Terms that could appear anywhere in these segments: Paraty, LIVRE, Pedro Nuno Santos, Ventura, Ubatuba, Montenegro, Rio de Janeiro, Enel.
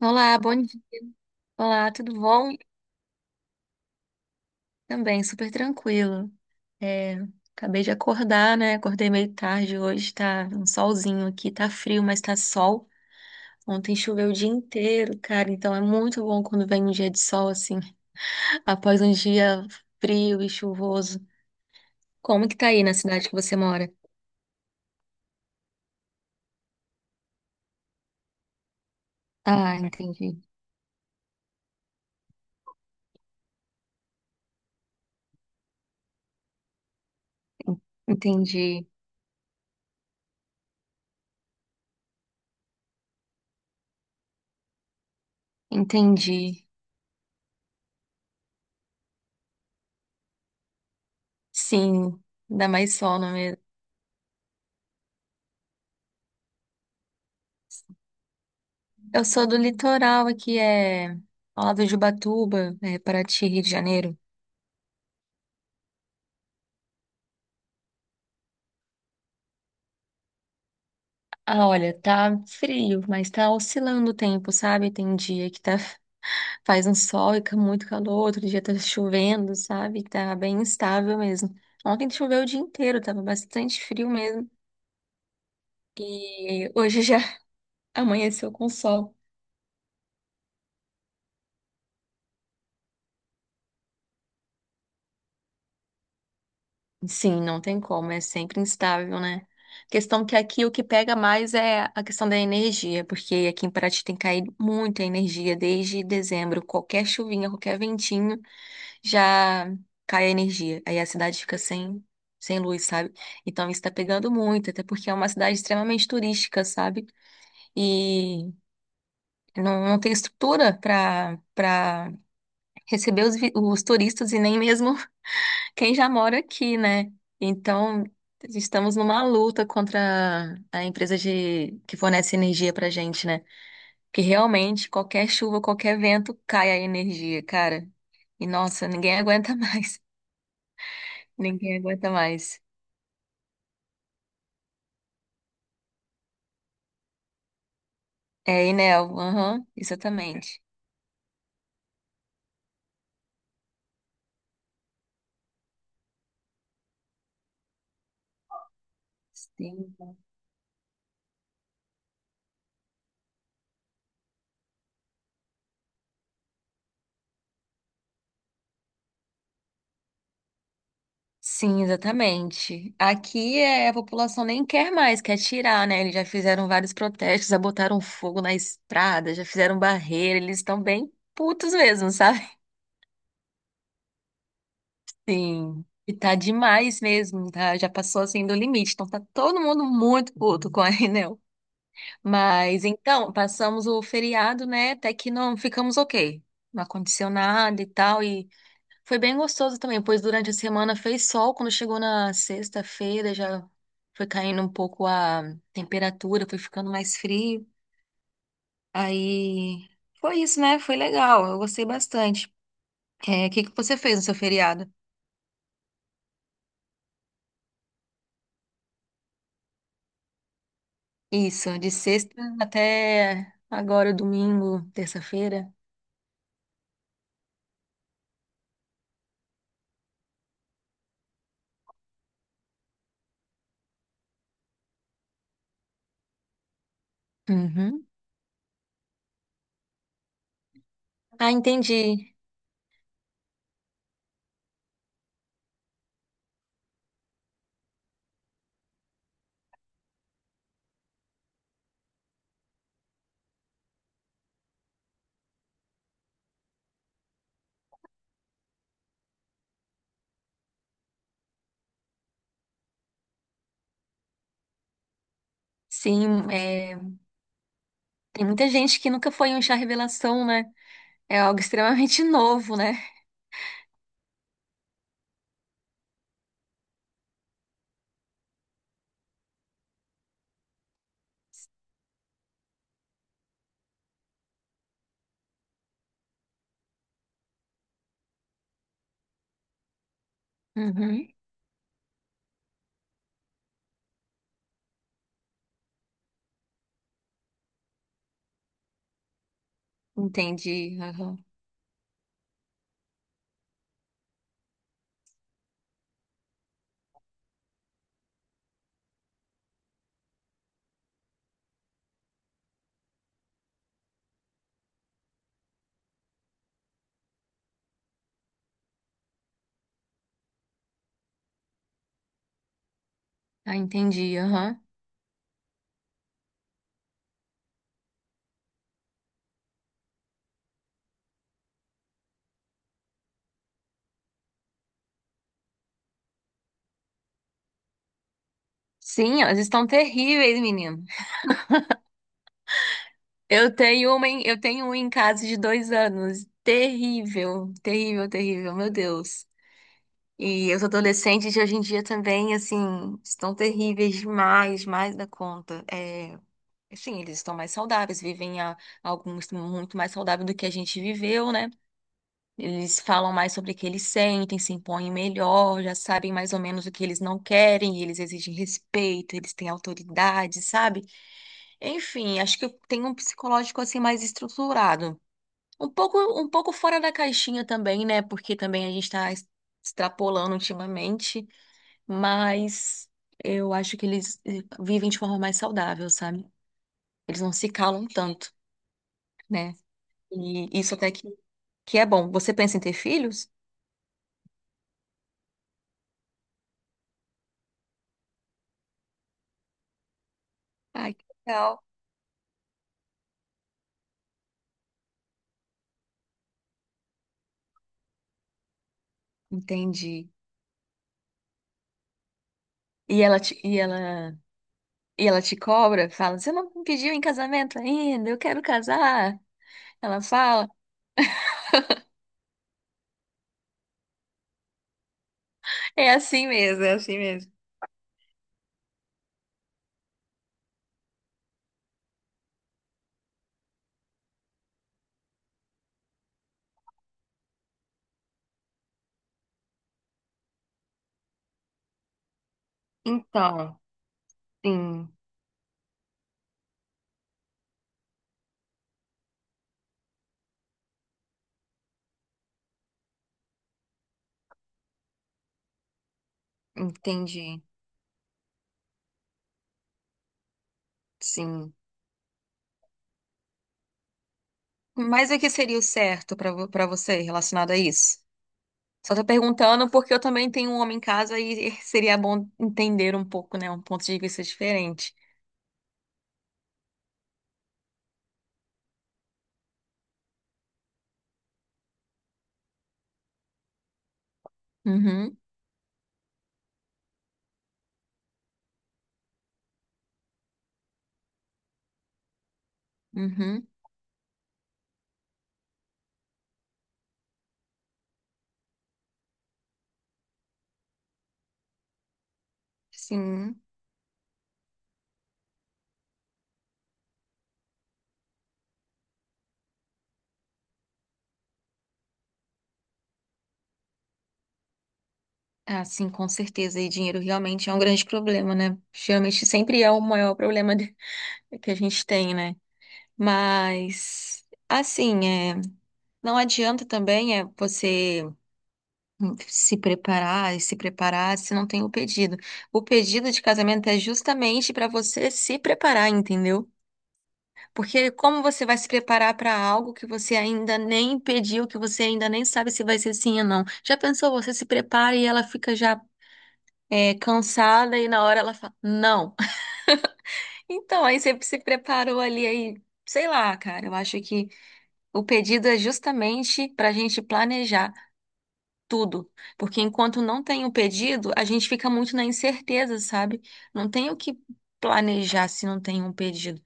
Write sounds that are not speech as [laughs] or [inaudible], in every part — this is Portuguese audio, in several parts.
Olá, bom dia. Olá, tudo bom? Também, super tranquilo. É, acabei de acordar, né? Acordei meio tarde hoje, tá um solzinho aqui, tá frio, mas tá sol. Ontem choveu o dia inteiro, cara, então é muito bom quando vem um dia de sol assim, [laughs] após um dia frio e chuvoso. Como que tá aí na cidade que você mora? Ah, entendi, entendi, entendi. Sim, dá mais sol, não é mesmo? Eu sou do litoral aqui, é ao lado de Ubatuba, é, Paraty, Rio de Janeiro. Ah, olha, tá frio, mas tá oscilando o tempo, sabe? Tem dia que tá, [laughs] faz um sol e fica muito calor, outro dia tá chovendo, sabe? Tá bem instável mesmo. Ontem choveu o dia inteiro, tava bastante frio mesmo. E hoje já [laughs] amanheceu com sol. Sim, não tem como, é sempre instável, né? Questão que aqui o que pega mais é a questão da energia, porque aqui em Paraty tem caído muita energia desde dezembro. Qualquer chuvinha, qualquer ventinho já cai a energia. Aí a cidade fica sem luz, sabe? Então isso tá pegando muito, até porque é uma cidade extremamente turística, sabe? E não, não tem estrutura para receber os turistas e nem mesmo quem já mora aqui, né? Então, estamos numa luta contra a empresa de que fornece energia pra gente, né? Que realmente qualquer chuva, qualquer vento cai a energia, cara. E nossa, ninguém aguenta mais. [laughs] Ninguém aguenta mais. É, Enel, aham, exatamente. Sim. Sim, exatamente. Aqui é, a população nem quer mais, quer tirar, né? Eles já fizeram vários protestos, já botaram fogo na estrada, já fizeram barreira, eles estão bem putos mesmo, [laughs] sabe? Sim, e tá demais mesmo, tá? Já passou assim do limite, então tá todo mundo muito puto com a [laughs] Enel. Mas então, passamos o feriado, né? Até que não ficamos ok. Não aconteceu nada e tal, e foi bem gostoso também, pois durante a semana fez sol, quando chegou na sexta-feira já foi caindo um pouco a temperatura, foi ficando mais frio. Aí foi isso, né? Foi legal, eu gostei bastante. É, o que que você fez no seu feriado? Isso, de sexta até agora, domingo, terça-feira. Uhum. Ah, entendi. Sim, é, tem muita gente que nunca foi em um chá revelação, né? É algo extremamente [laughs] novo, né? Uhum. Entendi. Aham. Ah, entendi. Aham. Sim, elas estão terríveis, menino. Eu tenho eu tenho um em casa de 2 anos. Terrível, terrível, terrível, meu Deus. E os adolescentes de hoje em dia também, assim, estão terríveis demais, mais da conta. É, assim, eles estão mais saudáveis, vivem alguns muito mais saudável do que a gente viveu, né? Eles falam mais sobre o que eles sentem, se impõem melhor, já sabem mais ou menos o que eles não querem, eles exigem respeito, eles têm autoridade, sabe? Enfim, acho que tem um psicológico assim mais estruturado. Um pouco fora da caixinha também, né? Porque também a gente está extrapolando ultimamente, mas eu acho que eles vivem de forma mais saudável, sabe? Eles não se calam tanto, né? E isso até que é bom. Você pensa em ter filhos? Ai, que legal. Entendi. E ela te, e ela, e ela te cobra, fala, você não me pediu em casamento ainda, eu quero casar. Ela fala, é assim mesmo, é assim mesmo. Então, sim, entendi, sim. Mas o que seria o certo para você relacionado a isso? Só tô perguntando porque eu também tenho um homem em casa e seria bom entender um pouco, né? Um ponto de vista diferente. Uhum, uhum, sim. Ah, sim, com certeza. E dinheiro realmente é um grande problema, né? Geralmente sempre é o maior que a gente tem, né? Mas, assim, é, não adianta também é você se preparar e se preparar se não tem o pedido. O pedido de casamento é justamente para você se preparar, entendeu? Porque como você vai se preparar para algo que você ainda nem pediu, que você ainda nem sabe se vai ser sim ou não? Já pensou, você se prepara e ela fica já cansada e na hora ela fala, não. [laughs] Então, aí você se preparou ali, aí, sei lá, cara, eu acho que o pedido é justamente para a gente planejar tudo. Porque enquanto não tem o pedido, a gente fica muito na incerteza, sabe? Não tem o que planejar se não tem um pedido.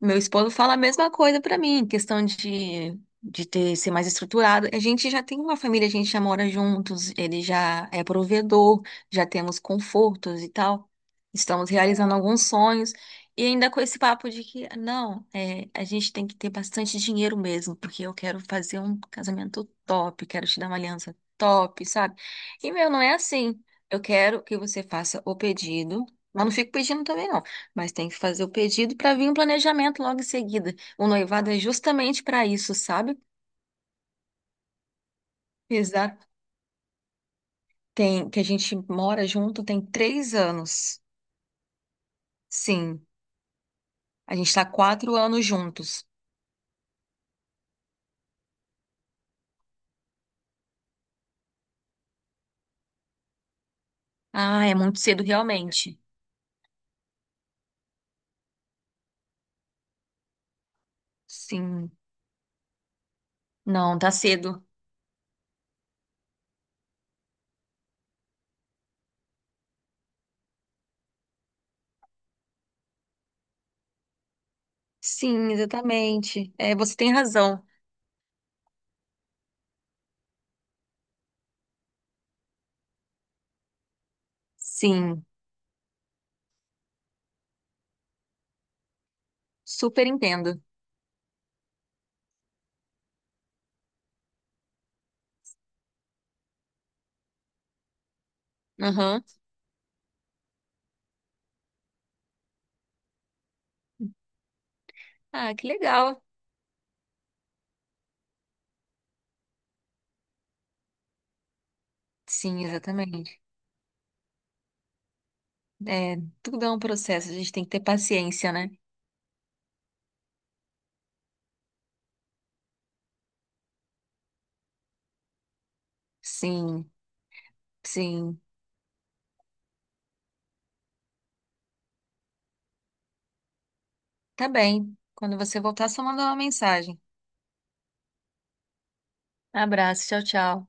Meu esposo fala a mesma coisa pra mim, questão de ter, ser mais estruturado. A gente já tem uma família, a gente já mora juntos, ele já é provedor, já temos confortos e tal. Estamos realizando alguns sonhos. E ainda com esse papo de que, não, é, a gente tem que ter bastante dinheiro mesmo, porque eu quero fazer um casamento top, quero te dar uma aliança top, sabe? E, meu, não é assim. Eu quero que você faça o pedido, mas não fico pedindo também, não. Mas tem que fazer o pedido para vir um planejamento logo em seguida. O noivado é justamente para isso, sabe? Exato. Tem que a gente mora junto tem 3 anos. Sim, a gente está 4 anos juntos. Ah, é muito cedo realmente. Sim, não, tá cedo. Sim, exatamente. É, você tem razão. Sim, super entendo. Aham. Ah, que legal. Sim, exatamente. É, tudo é um processo, a gente tem que ter paciência, né? Sim, sim. Tá bem. Quando você voltar, só manda uma mensagem. Abraço, tchau, tchau.